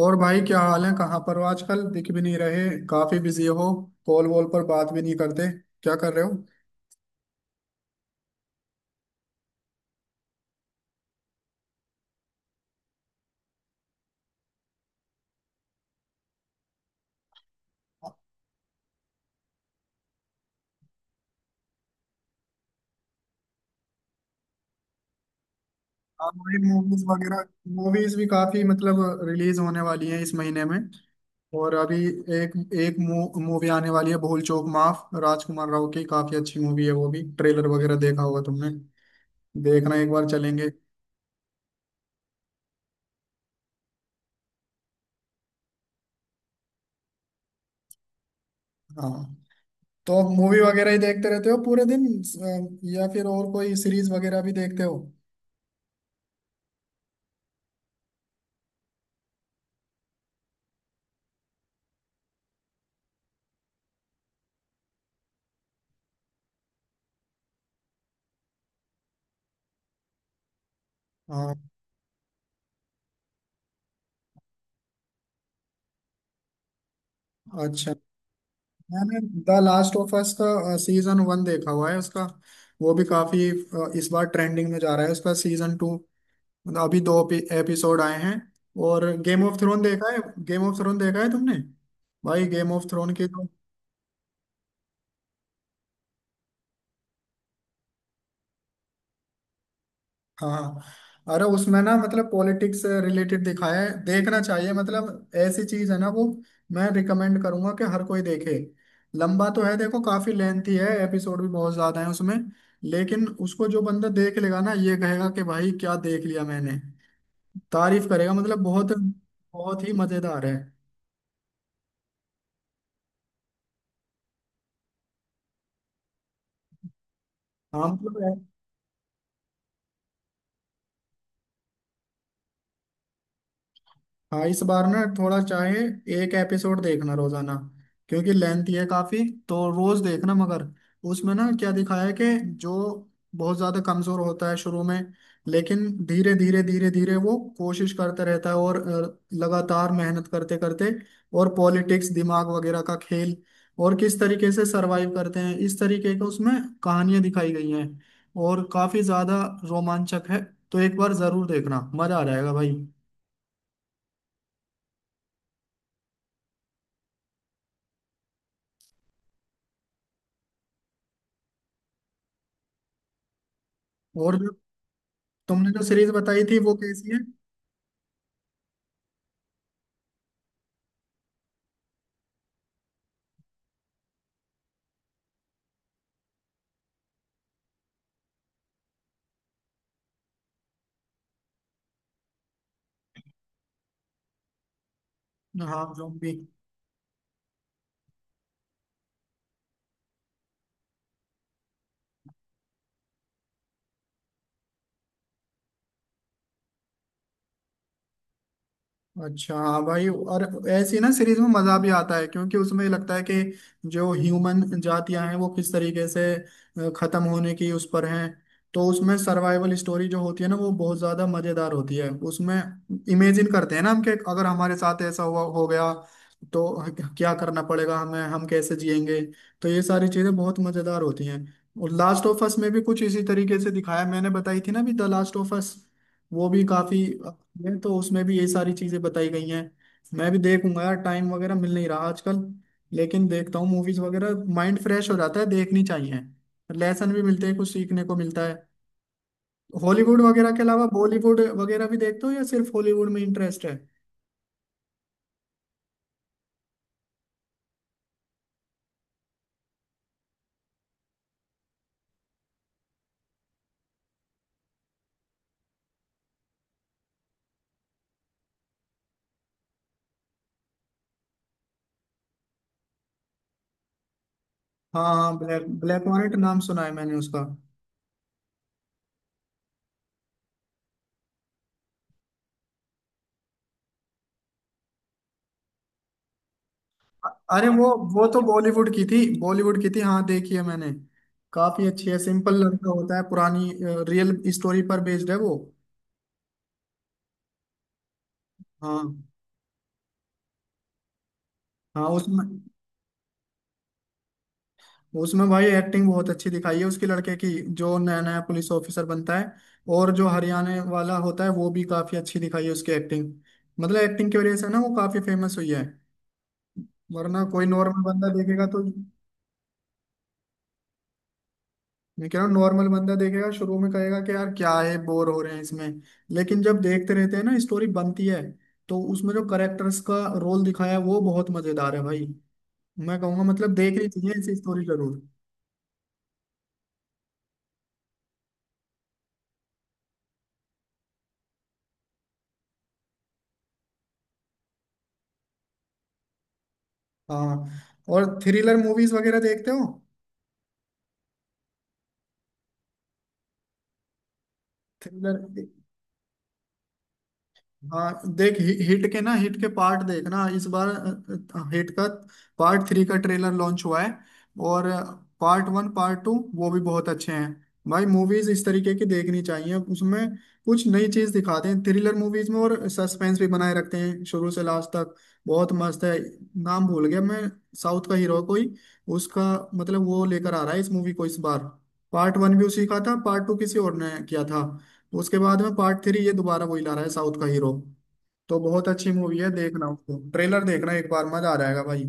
और भाई क्या हाल है। कहाँ पर हो आजकल? दिख भी नहीं रहे, काफी बिजी हो। कॉल वॉल पर बात भी नहीं करते। क्या कर रहे हो? हाँ भाई, मूवीज वगैरह मूवीज भी काफी मतलब रिलीज होने वाली है इस महीने में। और अभी एक एक मूवी आने वाली है भूल चूक माफ, राजकुमार राव की। काफी अच्छी मूवी है वो भी, ट्रेलर वगैरह देखा होगा तुमने। देखना, एक बार चलेंगे। हाँ, तो मूवी वगैरह ही देखते रहते हो पूरे दिन या फिर और कोई सीरीज वगैरह भी देखते हो? हाँ, अच्छा। मैंने द लास्ट ऑफ अस का सीजन वन देखा हुआ है उसका। वो भी काफी इस बार ट्रेंडिंग में जा रहा है उसका सीजन टू। मतलब अभी दो एपिसोड आए हैं। और गेम ऑफ थ्रोन देखा है। गेम ऑफ थ्रोन देखा है तुमने? भाई गेम ऑफ थ्रोन की, हाँ हाँ। अरे उसमें ना मतलब पॉलिटिक्स से रिलेटेड दिखाया है, देखना चाहिए। मतलब ऐसी चीज है ना वो। मैं रिकमेंड करूंगा कि हर कोई देखे। लंबा तो है देखो, काफी लेंथी है, एपिसोड भी बहुत ज्यादा है उसमें। लेकिन उसको जो बंदा देख लेगा ना, ये कहेगा कि भाई क्या देख लिया मैंने। तारीफ करेगा, मतलब बहुत बहुत ही मजेदार है। हाँ मतलब, हाँ इस बार ना थोड़ा चाहे एक एपिसोड देखना रोजाना, क्योंकि लेंथ है काफी, तो रोज देखना मगर। उसमें ना क्या दिखाया है कि जो बहुत ज्यादा कमजोर होता है शुरू में, लेकिन धीरे धीरे धीरे धीरे वो कोशिश करता रहता है और लगातार मेहनत करते करते, और पॉलिटिक्स दिमाग वगैरह का खेल, और किस तरीके से सरवाइव करते हैं इस तरीके का उसमें कहानियां दिखाई गई हैं। और काफी ज्यादा रोमांचक है, तो एक बार जरूर देखना, मजा आ जाएगा भाई। और तुमने जो सीरीज बताई थी वो कैसी है? हाँ ज़ॉम्बी। अच्छा हाँ भाई, और ऐसी ना सीरीज में मजा भी आता है, क्योंकि उसमें लगता है कि जो ह्यूमन जातियां हैं वो किस तरीके से खत्म होने की उस पर हैं। तो उसमें सर्वाइवल स्टोरी जो होती है ना वो बहुत ज्यादा मजेदार होती है उसमें। इमेजिन करते हैं ना हम कि अगर हमारे साथ ऐसा हुआ हो गया तो क्या करना पड़ेगा हमें, हम कैसे जिएंगे। तो ये सारी चीजें बहुत मजेदार होती हैं। और लास्ट ऑफ अस में भी कुछ इसी तरीके से दिखाया, मैंने बताई थी ना भी द लास्ट ऑफ अस। वो भी काफी अच्छी है, तो उसमें भी ये सारी चीजें बताई गई हैं। मैं भी देखूंगा यार, टाइम वगैरह मिल नहीं रहा आजकल। लेकिन देखता हूँ मूवीज वगैरह, माइंड फ्रेश हो जाता है, देखनी चाहिए। लेसन भी मिलते हैं, कुछ सीखने को मिलता है। हॉलीवुड वगैरह के अलावा बॉलीवुड वगैरह भी देखते हो या सिर्फ हॉलीवुड में इंटरेस्ट है? हाँ हाँ, ब्लैक ब्लैक वालेट, नाम सुना है मैंने उसका। अ- अरे वो तो बॉलीवुड की थी, बॉलीवुड की थी, हाँ देखी है मैंने। काफी अच्छी है, सिंपल लड़का होता है, पुरानी रियल स्टोरी पर बेस्ड है वो। हाँ हाँ उसमें, उसमें भाई एक्टिंग बहुत अच्छी दिखाई है उसके लड़के की, जो नया नया पुलिस ऑफिसर बनता है। और जो हरियाणा वाला होता है वो भी काफी अच्छी दिखाई है उसकी एक्टिंग। मतलब एक्टिंग की वजह से ना वो काफी फेमस हुई है, वरना कोई नॉर्मल बंदा देखेगा तो, मैं कह रहा हूँ नॉर्मल बंदा देखेगा शुरू में कहेगा कि यार क्या है, बोर हो रहे हैं इसमें। लेकिन जब देखते रहते हैं ना स्टोरी बनती है, तो उसमें जो करेक्टर्स का रोल दिखाया है वो बहुत मजेदार है भाई। मैं कहूंगा मतलब देखनी चाहिए ऐसी स्टोरी जरूर। हाँ, और थ्रिलर मूवीज वगैरह देखते हो? थ्रिलर, हाँ देख हिट के ना हिट के पार्ट देखना इस बार। हिट का पार्ट थ्री का ट्रेलर लॉन्च हुआ है। और पार्ट वन पार्ट टू वो भी बहुत अच्छे हैं भाई। मूवीज इस तरीके की देखनी चाहिए, उसमें कुछ नई चीज दिखाते हैं थ्रिलर मूवीज में, और सस्पेंस भी बनाए रखते हैं शुरू से लास्ट तक। बहुत मस्त है। नाम भूल गया मैं, साउथ का हीरो कोई, उसका मतलब वो लेकर आ रहा है इस मूवी को इस बार। पार्ट वन भी उसी का था, पार्ट टू किसी और ने किया था, उसके बाद में पार्ट थ्री ये दोबारा वही ला रहा है, साउथ का हीरो। तो बहुत अच्छी मूवी है, देखना उसको, ट्रेलर देखना एक बार, मजा आ जाएगा भाई।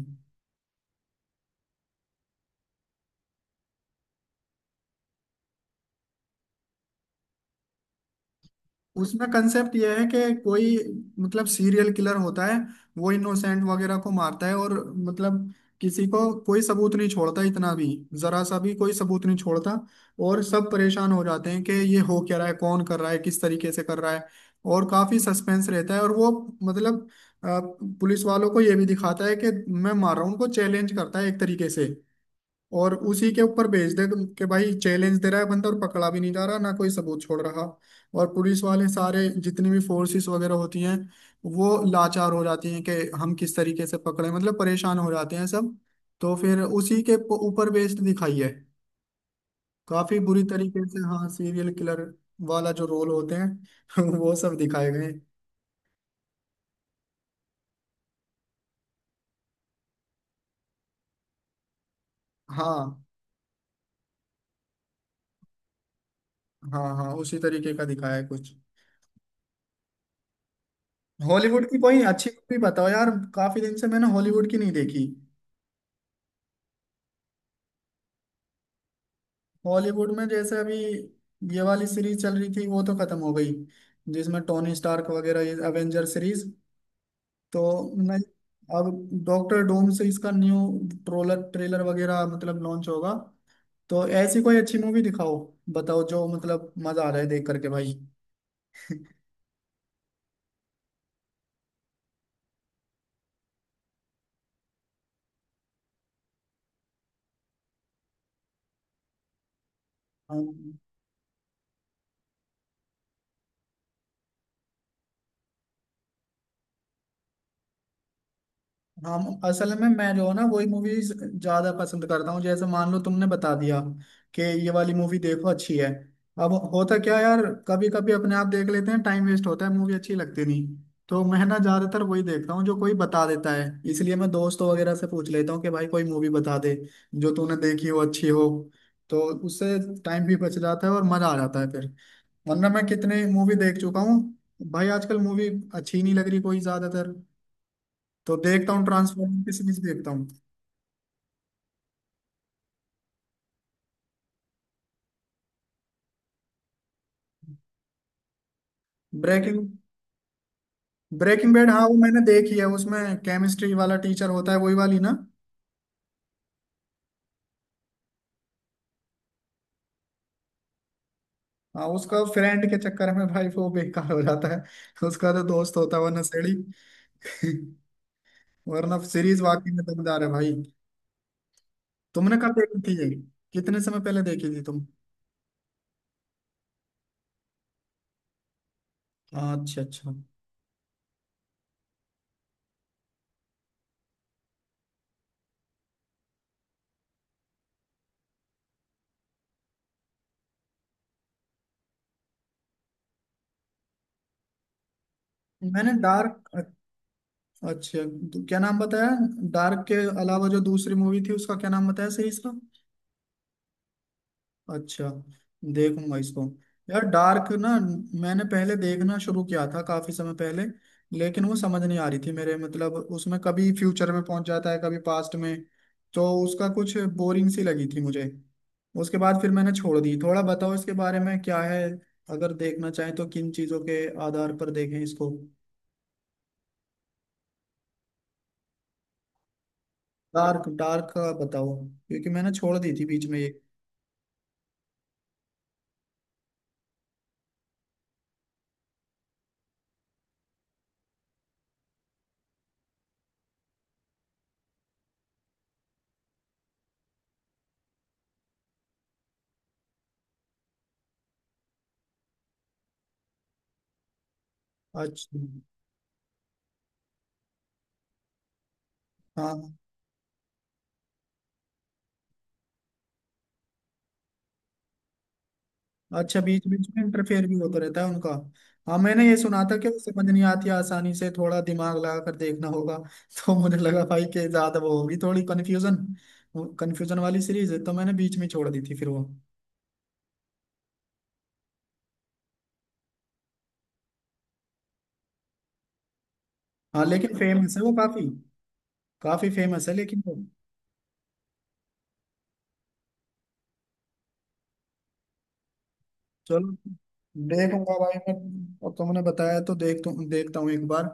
उसमें कंसेप्ट यह है कि कोई मतलब सीरियल किलर होता है, वो इनोसेंट वगैरह को मारता है, और मतलब किसी को कोई सबूत नहीं छोड़ता, इतना भी जरा सा भी कोई सबूत नहीं छोड़ता। और सब परेशान हो जाते हैं कि ये हो क्या रहा है, कौन कर रहा है, किस तरीके से कर रहा है। और काफी सस्पेंस रहता है, और वो मतलब अ, पुलिस वालों को ये भी दिखाता है कि मैं मार रहा हूँ उनको, चैलेंज करता है एक तरीके से। और उसी के ऊपर भेज दे तुम कि भाई चैलेंज दे रहा है बंदा, और पकड़ा भी नहीं जा रहा, ना कोई सबूत छोड़ रहा। और पुलिस वाले सारे जितनी भी फोर्सेस वगैरह होती हैं वो लाचार हो जाती हैं कि हम किस तरीके से पकड़े, मतलब परेशान हो जाते हैं सब। तो फिर उसी के ऊपर बेस्ड दिखाई है, काफी बुरी तरीके से, हाँ सीरियल किलर वाला जो रोल होते हैं वो सब दिखाए गए हैं। हाँ हाँ, हाँ उसी तरीके का दिखाया है कुछ। हॉलीवुड की कोई अच्छी मूवी बताओ यार, काफी दिन से मैंने हॉलीवुड की नहीं देखी। हॉलीवुड में जैसे अभी ये वाली सीरीज चल रही थी वो तो खत्म हो गई, जिसमें टोनी स्टार्क वगैरह, ये एवेंजर सीरीज। तो मैं अब डॉक्टर डूम से इसका न्यू ट्रोलर ट्रेलर वगैरह मतलब लॉन्च होगा। तो ऐसी कोई अच्छी मूवी दिखाओ, बताओ, जो मतलब मजा आ रहा है देख करके भाई। हम असल में मैं जो है ना वही मूवीज ज्यादा पसंद करता हूँ, जैसे मान लो तुमने बता दिया कि ये वाली मूवी देखो अच्छी है। अब होता क्या है यार, कभी कभी अपने आप देख लेते हैं, टाइम वेस्ट होता है, मूवी अच्छी लगती नहीं। तो मैं ना ज्यादातर वही देखता हूँ जो कोई बता देता है, इसलिए मैं दोस्तों वगैरह से पूछ लेता हूँ कि भाई कोई मूवी बता दे जो तूने देखी हो अच्छी हो। तो उससे टाइम भी बच जाता है और मजा आ जाता है फिर, वरना मैं कितने मूवी देख चुका हूँ भाई, आजकल मूवी अच्छी नहीं लग रही कोई ज्यादातर। तो देखता हूँ ट्रांसफॉर्मर की सीरीज देखता हूँ। ब्रेकिंग ब्रेकिंग बैड, हाँ वो मैंने देखी है, उसमें केमिस्ट्री वाला टीचर होता है वही वाली ना। हाँ उसका फ्रेंड के चक्कर में भाई वो बेकार हो जाता है, उसका तो दोस्त होता है वरना सड़ी वरना सीरीज वाकई में दमदार है भाई। तुमने कब देखी थी ये? कितने समय पहले देखी थी तुम? अच्छा अच्छा। मैंने डार्क, अच्छा क्या नाम बताया? डार्क के अलावा जो दूसरी मूवी थी उसका क्या नाम बताया सीरीज का? अच्छा, देखूंगा इसको। यार डार्क ना मैंने पहले देखना शुरू किया था काफी समय पहले, लेकिन वो समझ नहीं आ रही थी मेरे, मतलब उसमें कभी फ्यूचर में पहुंच जाता है कभी पास्ट में, तो उसका कुछ बोरिंग सी लगी थी मुझे। उसके बाद फिर मैंने छोड़ दी। थोड़ा बताओ इसके बारे में क्या है, अगर देखना चाहें तो किन चीजों के आधार पर देखें इसको। डार्क डार्क का बताओ, क्योंकि मैंने छोड़ दी थी बीच में ये। अच्छा, हाँ। अच्छा, बीच बीच में इंटरफेयर भी होता रहता है उनका? हाँ, मैंने ये सुना था कि वो समझ नहीं आती आसानी से, थोड़ा दिमाग लगा कर देखना होगा तो मुझे लगा भाई कि ज्यादा वो होगी, थोड़ी कंफ्यूजन कंफ्यूजन वाली सीरीज है, तो मैंने बीच में छोड़ दी थी फिर वो। हाँ लेकिन फेमस है वो काफी, काफी फेमस है लेकिन वो। चलो देखूंगा भाई मैं, और तुमने बताया तो देखता हूँ एक बार।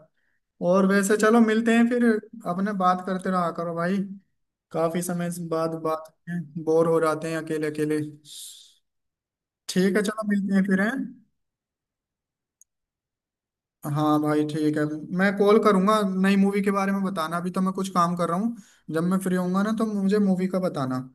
और वैसे चलो मिलते हैं फिर। अपने बात करते रहा करो भाई, काफी समय से बाद बात, बोर हो जाते हैं अकेले अकेले। ठीक है चलो मिलते हैं फिर हैं। हाँ भाई ठीक है, मैं कॉल करूंगा, नई मूवी के बारे में बताना, अभी तो मैं कुछ काम कर रहा हूँ। जब मैं फ्री होऊंगा ना तो मुझे मूवी का बताना।